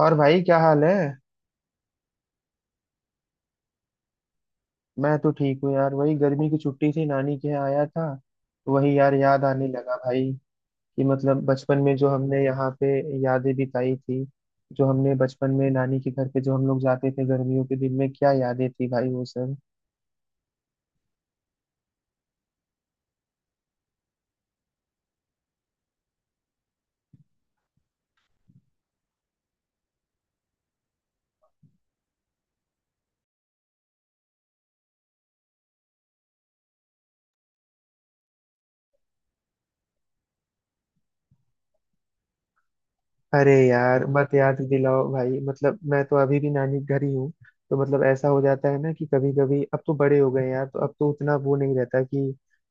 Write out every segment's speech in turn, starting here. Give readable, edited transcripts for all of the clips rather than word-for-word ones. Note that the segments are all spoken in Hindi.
और भाई, क्या हाल है। मैं तो ठीक हूँ यार, वही गर्मी की छुट्टी थी, नानी के यहाँ आया था। तो वही यार याद आने लगा भाई कि मतलब बचपन में जो हमने यहाँ पे यादें बिताई थी, जो हमने बचपन में नानी के घर पे जो हम लोग जाते थे गर्मियों के दिन में, क्या यादें थी भाई वो सब। अरे यार मत याद दिलाओ भाई, मतलब मैं तो अभी भी नानी के घर ही हूँ। तो मतलब ऐसा हो जाता है ना कि कभी कभी अब तो बड़े हो गए हैं यार, तो अब तो उतना वो नहीं रहता कि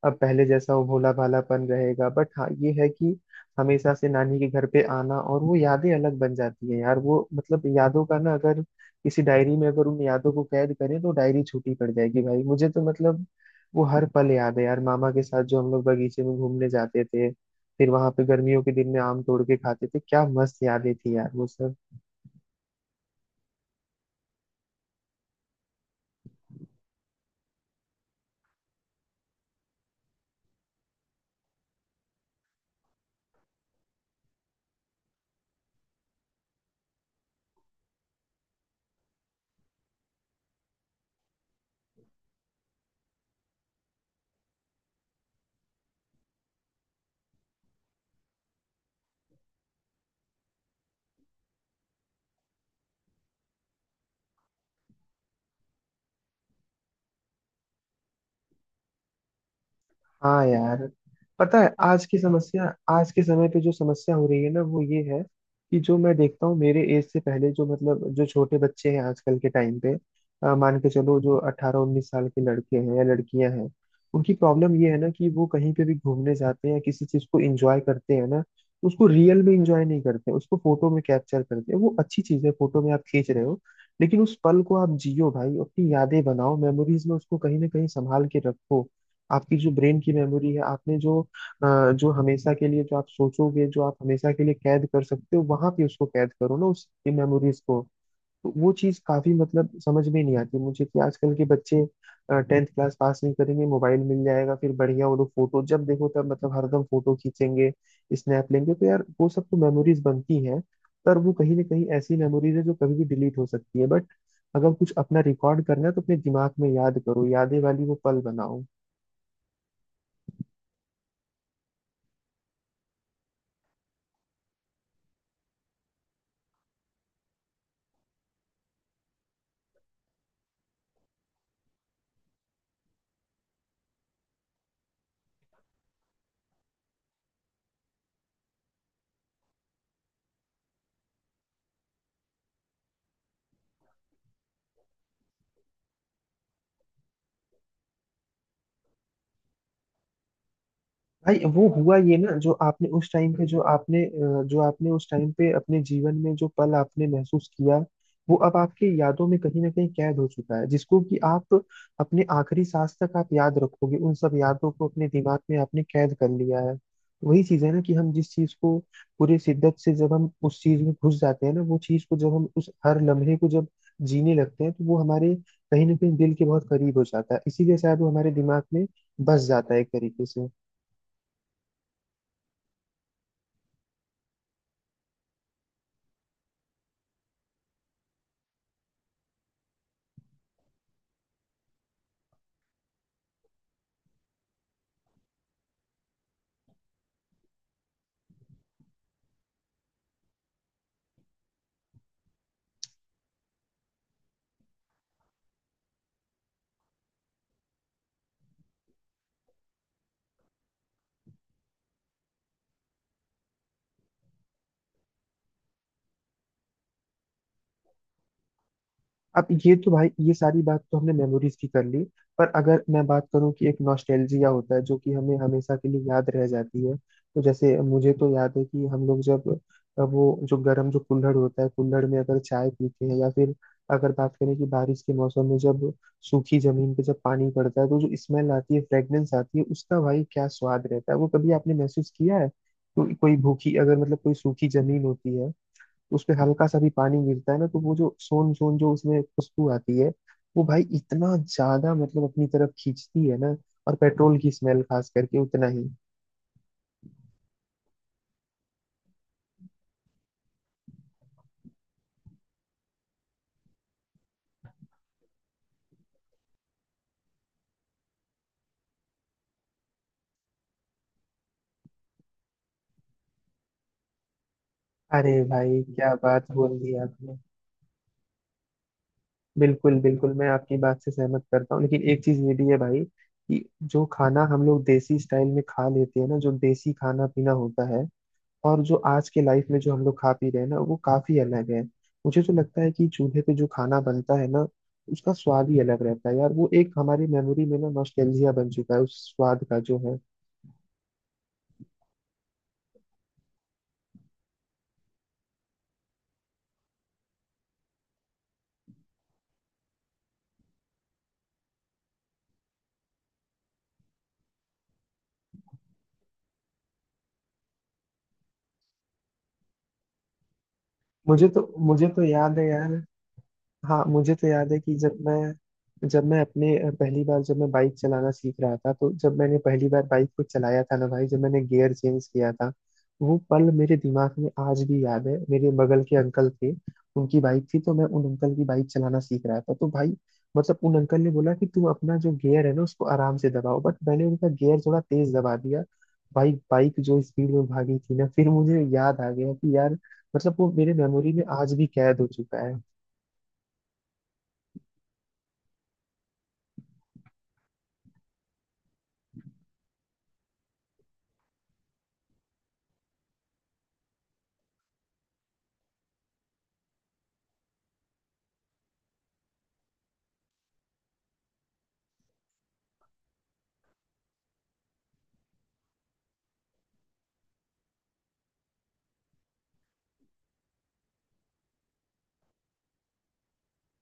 अब पहले जैसा वो भोला भालापन रहेगा। बट हाँ, ये है कि हमेशा से नानी के घर पे आना और वो यादें अलग बन जाती है यार। वो मतलब यादों का ना, अगर किसी डायरी में अगर उन यादों को कैद करें तो डायरी छोटी पड़ जाएगी भाई, मुझे तो मतलब वो हर पल याद है यार। मामा के साथ जो हम लोग बगीचे में घूमने जाते थे, फिर वहां पे गर्मियों के दिन में आम तोड़ के खाते थे, क्या मस्त यादें थी यार वो सब। हाँ यार, पता है आज की समस्या, आज के समय पे जो समस्या हो रही है ना वो ये है कि जो मैं देखता हूँ, मेरे एज से पहले जो मतलब जो छोटे बच्चे हैं आजकल के टाइम पे, मान के चलो, जो 18 19 साल के लड़के हैं या लड़कियां हैं, उनकी प्रॉब्लम ये है ना कि वो कहीं पे भी घूमने जाते हैं, किसी चीज को एंजॉय करते हैं ना, उसको रियल में एंजॉय नहीं करते, उसको फोटो में कैप्चर करते हैं। वो अच्छी चीज है, फोटो में आप खींच रहे हो, लेकिन उस पल को आप जियो भाई, अपनी यादें बनाओ, मेमोरीज में उसको कहीं ना कहीं संभाल के रखो। आपकी जो ब्रेन की मेमोरी है, आपने जो जो हमेशा के लिए जो आप सोचोगे, जो आप हमेशा के लिए कैद कर सकते हो वहां पे उसको कैद करो ना, उस मेमोरीज को। तो वो चीज काफी मतलब समझ में नहीं आती मुझे कि आजकल के बच्चे टेंथ क्लास पास नहीं करेंगे, मोबाइल मिल जाएगा, फिर बढ़िया, वो लोग फोटो जब देखो तब मतलब हरदम फोटो खींचेंगे, स्नैप लेंगे। तो यार वो सब तो मेमोरीज बनती हैं, पर वो कहीं ना कहीं ऐसी मेमोरीज है जो कभी भी डिलीट हो सकती है। बट अगर कुछ अपना रिकॉर्ड करना है तो अपने दिमाग में याद करो, यादें वाली वो पल बनाओ। भाई वो हुआ ये ना, जो आपने उस टाइम पे अपने जीवन में जो पल आपने महसूस किया, वो अब आपकी यादों में कहीं ना कहीं कैद हो चुका है, जिसको कि आप अपने आखिरी सांस तक आप याद रखोगे, उन सब यादों को अपने दिमाग में आपने कैद कर लिया है। वही चीज है ना कि हम जिस चीज को पूरे शिद्दत से जब हम उस चीज में घुस जाते हैं ना, वो चीज को जब हम उस हर लम्हे को जब जीने लगते हैं, तो वो हमारे कहीं ना कहीं दिल के बहुत करीब हो जाता है, इसीलिए शायद वो हमारे दिमाग में बस जाता है एक तरीके से। अब ये तो भाई ये सारी बात तो हमने मेमोरीज की कर ली, पर अगर मैं बात करूं कि एक नॉस्टैल्जिया होता है जो कि हमें हमेशा के लिए याद रह जाती है। तो जैसे मुझे तो याद है कि हम लोग जब वो जो गर्म जो कुल्हड़ होता है, कुल्हड़ में अगर चाय पीते हैं, या फिर अगर बात करें कि बारिश के मौसम में जब सूखी जमीन पे जब पानी पड़ता है तो जो स्मेल आती है, फ्रेग्रेंस आती है, उसका भाई क्या स्वाद रहता है, वो कभी आपने महसूस किया है। तो कोई भूखी अगर मतलब कोई सूखी जमीन होती है, उस पे हल्का सा भी पानी गिरता है ना, तो वो जो सोन सोन जो उसमें खुशबू आती है, वो भाई इतना ज्यादा मतलब अपनी तरफ खींचती है ना। और पेट्रोल की स्मेल खास करके उतना ही। अरे भाई क्या बात बोल दी आपने। बिल्कुल बिल्कुल, मैं आपकी बात से सहमत करता हूँ, लेकिन एक चीज ये भी है भाई कि जो खाना हम लोग देसी स्टाइल में खा लेते हैं ना, जो देसी खाना पीना होता है, और जो आज के लाइफ में जो हम लोग खा पी रहे हैं ना, वो काफी अलग है। मुझे तो लगता है कि चूल्हे पे जो खाना बनता है ना, उसका स्वाद ही अलग रहता है यार, वो एक हमारी मेमोरी में ना नॉस्टैल्जिया बन चुका है उस स्वाद का जो है। मुझे तो याद है यार। हाँ मुझे तो याद है कि जब मैं अपने पहली बार जब मैं बाइक चलाना सीख रहा था, तो जब मैंने पहली बार बाइक को चलाया था ना भाई, जब मैंने गियर चेंज किया था, वो पल मेरे दिमाग में आज भी याद है। मेरे बगल के अंकल थे, उनकी बाइक थी, तो मैं उन अंकल की बाइक चलाना सीख रहा था। तो भाई मतलब उन अंकल ने बोला कि तुम अपना जो गियर है ना उसको आराम से दबाओ, बट मैंने उनका गियर थोड़ा तेज दबा दिया। भाई बाइक जो स्पीड में भागी थी ना, फिर मुझे याद आ गया कि यार, मतलब वो मेरे मेमोरी में आज भी कैद हो चुका है।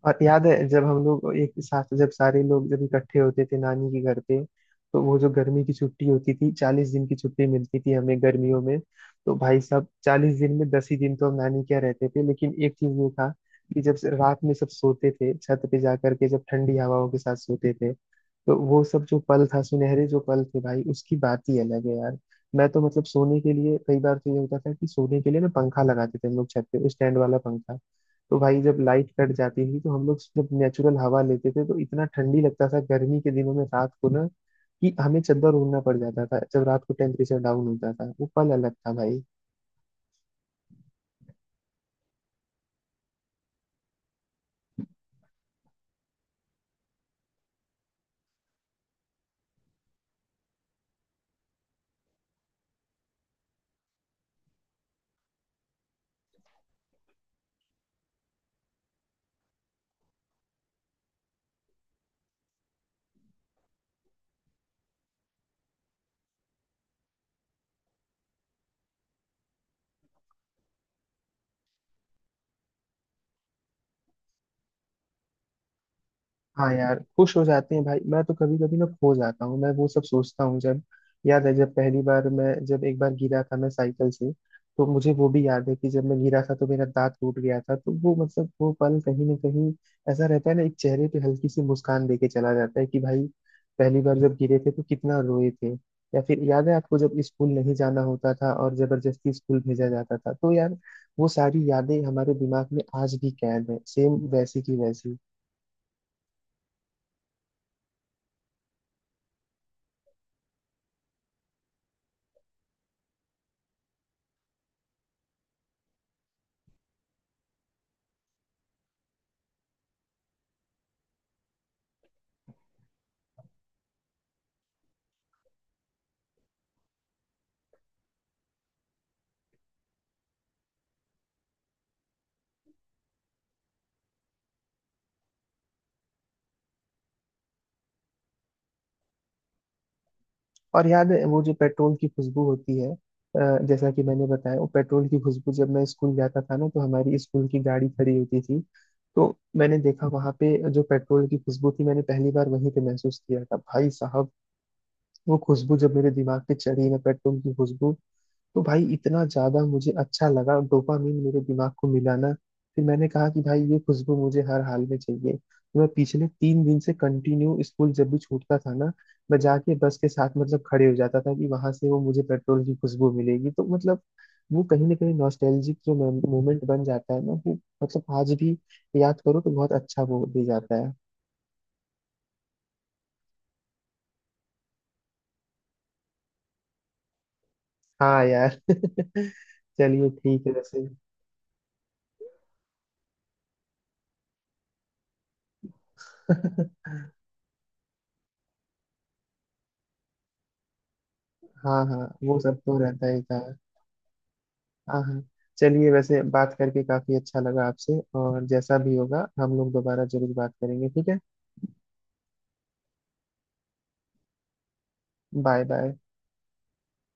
और याद है जब हम लोग एक साथ जब सारे लोग जब इकट्ठे होते थे नानी के घर पे, तो वो जो गर्मी की छुट्टी होती थी, 40 दिन की छुट्टी मिलती थी हमें गर्मियों में। तो भाई साहब 40 दिन में 10 ही दिन तो हम नानी के यहाँ रहते थे, लेकिन एक चीज ये था कि रात में सब सोते थे छत पे जा करके, जब ठंडी हवाओं के साथ सोते थे, तो वो सब जो पल था, सुनहरे जो पल थे भाई, उसकी बात ही अलग है यार। मैं तो मतलब सोने के लिए कई बार तो ये होता था कि सोने के लिए ना पंखा लगाते थे हम लोग छत पे, स्टैंड वाला पंखा। तो भाई जब लाइट कट जाती थी तो हम लोग जब नेचुरल हवा लेते थे तो इतना ठंडी लगता था गर्मी के दिनों में रात को ना, कि हमें चद्दर ओढ़ना पड़ जाता था जब रात को टेम्परेचर डाउन होता था। वो पल अलग था भाई। हाँ यार, खुश हो जाते हैं भाई, मैं तो कभी कभी ना खो जाता हूँ, मैं वो सब सोचता हूँ। जब याद है, जब एक बार गिरा था मैं साइकिल से, तो मुझे वो भी याद है कि जब मैं गिरा था तो मेरा दांत टूट गया था। तो वो मतलब वो पल कहीं ना कहीं ऐसा रहता है ना, एक चेहरे पे हल्की सी मुस्कान देके चला जाता है कि भाई, पहली बार जब गिरे थे तो कितना रोए थे। या फिर याद है आपको जब स्कूल नहीं जाना होता था और जबरदस्ती स्कूल भेजा जाता था, तो यार वो सारी यादें हमारे दिमाग में आज भी कैद है, सेम वैसी की वैसी। और याद है वो जो पेट्रोल की खुशबू होती है, जैसा कि मैंने बताया, वो पेट्रोल की खुशबू, जब मैं स्कूल जाता था ना तो हमारी स्कूल की गाड़ी खड़ी होती थी। तो मैंने देखा वहां पे जो पेट्रोल की खुशबू थी, मैंने पहली बार वहीं पे महसूस किया था भाई साहब। वो खुशबू जब मेरे दिमाग पे चढ़ी ना, पेट्रोल की खुशबू, तो भाई इतना ज्यादा मुझे अच्छा लगा, डोपामिन मेरे दिमाग को मिला ना, फिर मैंने कहा कि भाई ये खुशबू मुझे हर हाल में चाहिए। तो मैं पिछले 3 दिन से कंटिन्यू स्कूल जब भी छूटता था ना, मैं जाके बस के साथ मतलब खड़े हो जाता था कि वहां से वो मुझे पेट्रोल की खुशबू मिलेगी। तो मतलब वो कहीं ना कहीं नॉस्टैल्जिक जो मोमेंट बन जाता है ना, वो मतलब आज भी याद करो तो बहुत अच्छा वो दे जाता है। हाँ यार। चलिए, ठीक है वैसे। हाँ हाँ, वो सब तो रहता ही था। हाँ हाँ, चलिए, वैसे बात करके काफी अच्छा लगा आपसे, और जैसा भी होगा हम लोग दोबारा जरूर बात करेंगे, ठीक है। Bye bye.